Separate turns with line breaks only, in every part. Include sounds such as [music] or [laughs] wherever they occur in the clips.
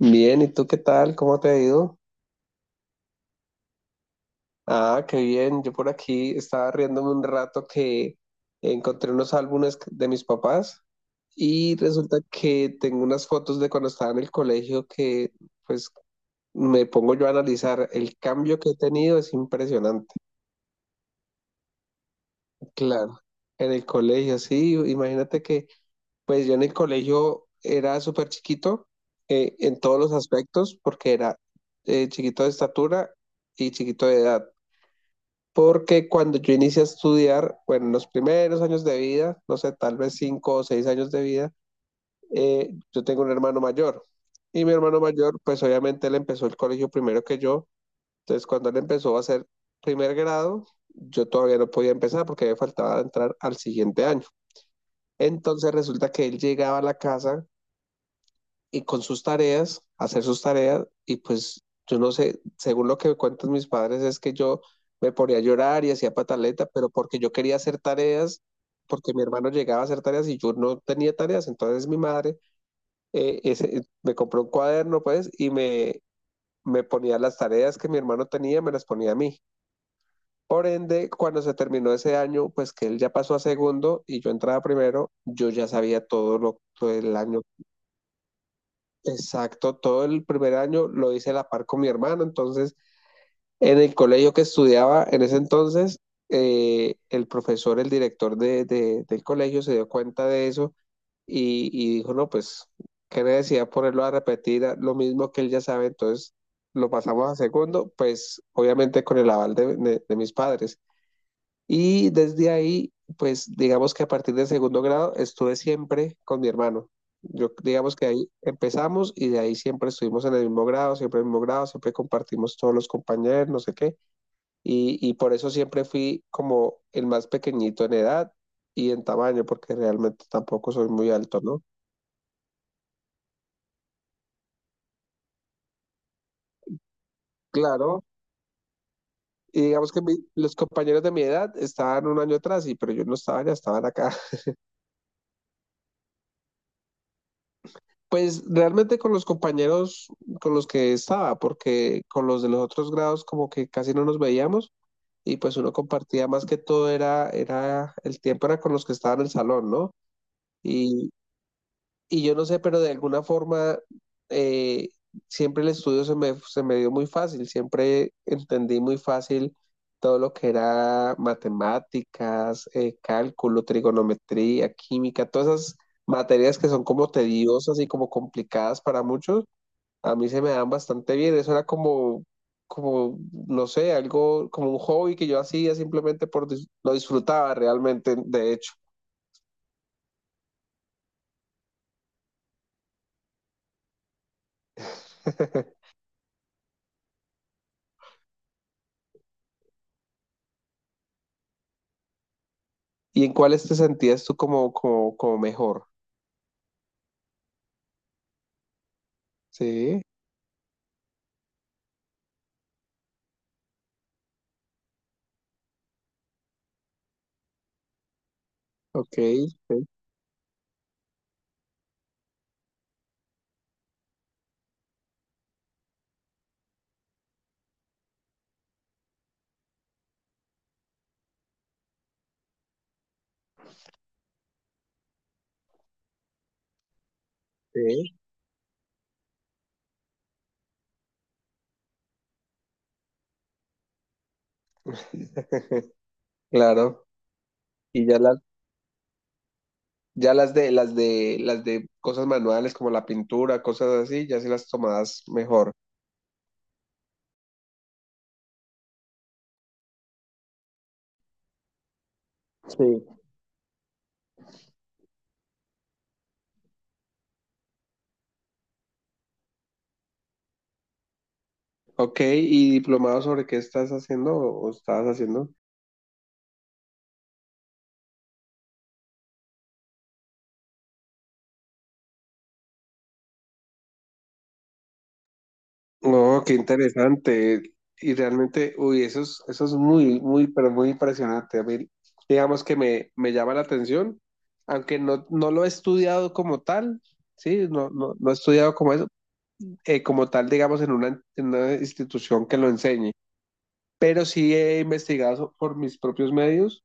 Bien, ¿y tú qué tal? ¿Cómo te ha ido? Ah, qué bien. Yo por aquí estaba riéndome un rato que encontré unos álbumes de mis papás y resulta que tengo unas fotos de cuando estaba en el colegio que pues me pongo yo a analizar. El cambio que he tenido es impresionante. Claro, en el colegio, sí. Imagínate que pues yo en el colegio era súper chiquito, en todos los aspectos porque era chiquito de estatura y chiquito de edad. Porque cuando yo inicié a estudiar, bueno, en los primeros años de vida, no sé, tal vez cinco o seis años de vida, yo tengo un hermano mayor. Y mi hermano mayor, pues obviamente él empezó el colegio primero que yo. Entonces, cuando él empezó a hacer primer grado, yo todavía no podía empezar porque me faltaba entrar al siguiente año. Entonces resulta que él llegaba a la casa y con sus tareas, hacer sus tareas, y pues yo no sé, según lo que cuentan mis padres es que yo me ponía a llorar y hacía pataleta, pero porque yo quería hacer tareas, porque mi hermano llegaba a hacer tareas y yo no tenía tareas, entonces mi madre me compró un cuaderno, pues, y me ponía las tareas que mi hermano tenía, me las ponía a mí. Por ende, cuando se terminó ese año, pues que él ya pasó a segundo y yo entraba primero, yo ya sabía todo el año. Exacto, todo el primer año lo hice a la par con mi hermana, entonces en el colegio que estudiaba en ese entonces, el profesor, el director del colegio se dio cuenta de eso y dijo, no, pues, qué necesidad ponerlo a repetir lo mismo que él ya sabe, entonces lo pasamos a segundo, pues obviamente con el aval de mis padres. Y desde ahí, pues digamos que a partir del segundo grado estuve siempre con mi hermano. Yo digamos que ahí empezamos y de ahí siempre estuvimos en el mismo grado, siempre en el mismo grado, siempre compartimos todos los compañeros, no sé qué. Y por eso siempre fui como el más pequeñito en edad y en tamaño, porque realmente tampoco soy muy alto, ¿no? Claro. Y digamos que los compañeros de mi edad estaban un año atrás, pero yo no estaba, ya estaban acá. Pues realmente con los compañeros con los que estaba, porque con los de los otros grados como que casi no nos veíamos y pues uno compartía más que todo el tiempo era con los que estaban en el salón, ¿no? Y yo no sé, pero de alguna forma eh, siempre el estudio se me dio muy fácil, siempre entendí muy fácil todo lo que era matemáticas, cálculo, trigonometría, química, todas esas materias que son como tediosas y como complicadas para muchos, a mí se me dan bastante bien. Eso era como, no sé, algo como un hobby que yo hacía simplemente lo disfrutaba realmente, de hecho. [laughs] ¿Y en cuáles te sentías tú como mejor? Sí, ok, sí, sí. [laughs] Claro. Y las de cosas manuales como la pintura, cosas así, ya sí las tomabas mejor. Sí. Ok, ¿y diplomado sobre qué estás haciendo o estabas haciendo? No, qué interesante. Y realmente, uy, eso es muy, muy, pero muy impresionante. A mí, digamos que me llama la atención, aunque no lo he estudiado como tal, sí, no he estudiado como eso, como tal, digamos, en una institución que lo enseñe, pero sí he investigado por mis propios medios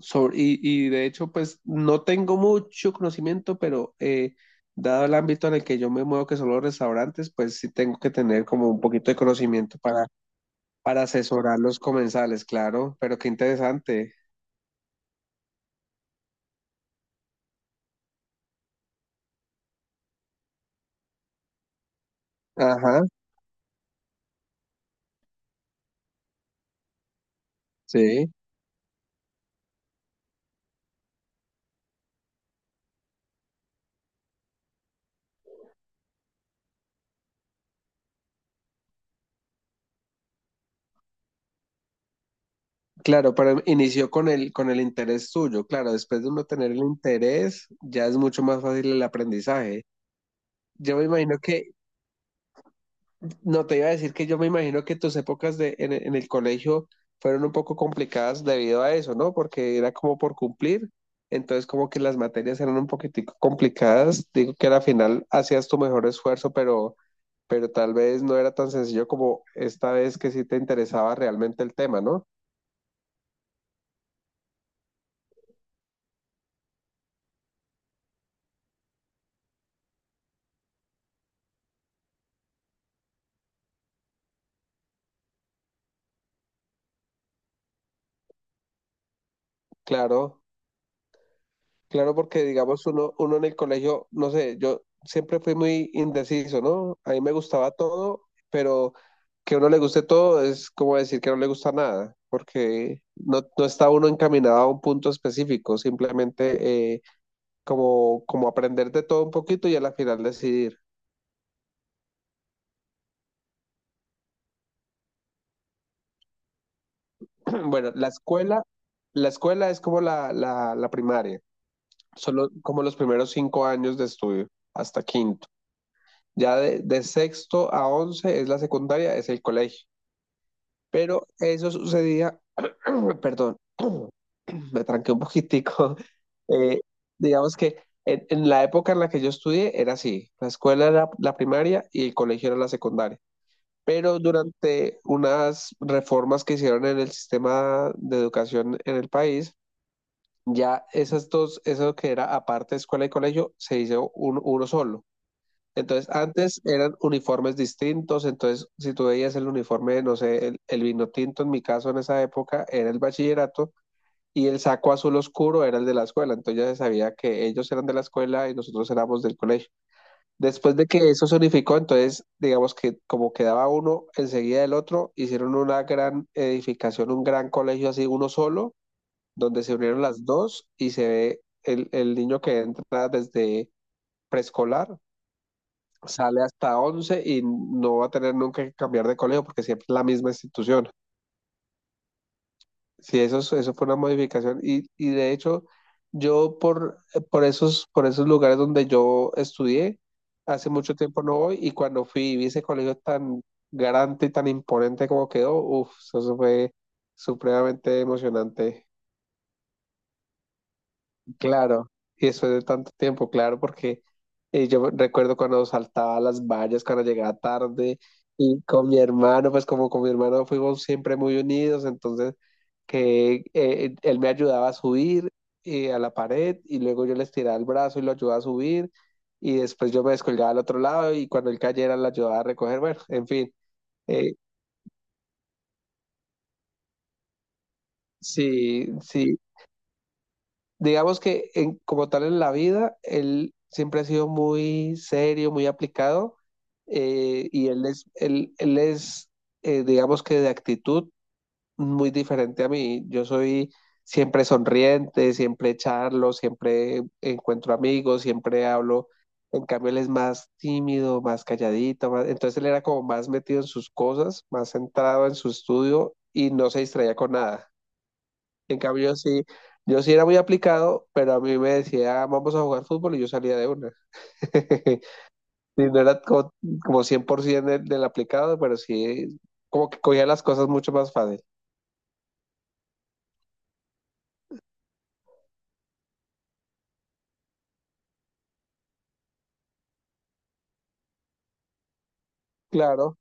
y de hecho, pues no tengo mucho conocimiento, pero dado el ámbito en el que yo me muevo, que son los restaurantes, pues sí tengo que tener como un poquito de conocimiento para, asesorar los comensales, claro, pero qué interesante. Ajá, sí, claro, pero inició con el interés suyo, claro, después de uno tener el interés, ya es mucho más fácil el aprendizaje. Yo me imagino que No, te iba a decir que yo me imagino que tus épocas en el colegio fueron un poco complicadas debido a eso, ¿no? Porque era como por cumplir, entonces como que las materias eran un poquitico complicadas. Digo que al final hacías tu mejor esfuerzo, pero, tal vez no era tan sencillo como esta vez que sí te interesaba realmente el tema, ¿no? Claro. Claro, porque digamos uno en el colegio, no sé, yo siempre fui muy indeciso, ¿no? A mí me gustaba todo, pero que a uno le guste todo es como decir que no le gusta nada, porque no está uno encaminado a un punto específico, simplemente como aprender de todo un poquito y a la final decidir. [clears throat] Bueno, la escuela, es como la primaria, solo como los primeros cinco años de estudio, hasta quinto. Ya de sexto a once es la secundaria, es el colegio. Pero eso sucedía, [clears throat] perdón, [clears throat] me tranqué un poquitico. [laughs] eh, digamos que en la época en la que yo estudié era así, la escuela era la primaria y el colegio era la secundaria. Pero durante unas reformas que hicieron en el sistema de educación en el país, ya esas dos, eso que era aparte escuela y colegio, se hizo uno solo. Entonces, antes eran uniformes distintos, entonces si tú veías el uniforme, no sé, el vino tinto en mi caso en esa época era el bachillerato y el saco azul oscuro era el de la escuela, entonces ya se sabía que ellos eran de la escuela y nosotros éramos del colegio. Después de que eso se unificó, entonces digamos que como quedaba uno enseguida del otro, hicieron una gran edificación, un gran colegio así, uno solo, donde se unieron las dos y se ve el niño que entra desde preescolar sale hasta 11 y no va a tener nunca que cambiar de colegio porque siempre es la misma institución. Sí, eso, eso fue una modificación y de hecho yo por, por esos lugares donde yo estudié, hace mucho tiempo no voy y cuando fui y vi ese colegio tan grande y tan imponente como quedó, uff, eso fue supremamente emocionante. Claro, y después de tanto tiempo, claro, porque yo recuerdo cuando saltaba las vallas, cuando llegaba tarde, y con mi hermano, pues como con mi hermano fuimos siempre muy unidos, entonces que él me ayudaba a subir, a la pared y luego yo le estiraba el brazo y lo ayudaba a subir y después yo me descolgaba al otro lado y cuando él cayera lo ayudaba a recoger, bueno, en fin, eh, sí, sí, digamos que como tal en la vida, él siempre ha sido muy serio, muy aplicado, y él es digamos que de actitud muy diferente a mí. Yo soy siempre sonriente, siempre charlo, siempre encuentro amigos, siempre hablo. En cambio, él es más tímido, más calladito, entonces él era como más metido en sus cosas, más centrado en su estudio y no se distraía con nada. En cambio, yo sí, era muy aplicado, pero a mí me decía, vamos a jugar fútbol y yo salía de una. [laughs] Y no era como 100% del aplicado, pero sí, como que cogía las cosas mucho más fácil. Claro,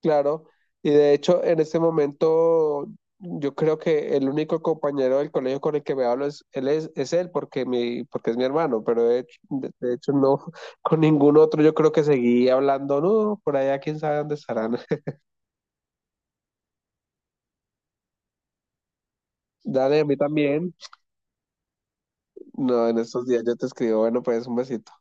claro. Y de hecho, en este momento, yo creo que el único compañero del colegio con el que me hablo es él, es él porque, porque es mi hermano, pero de hecho, de hecho no, [laughs] con ningún otro yo creo que seguí hablando, no, por allá quién sabe dónde estarán. [laughs] Dale, a mí también. No, en estos días yo te escribo, bueno, pues un besito.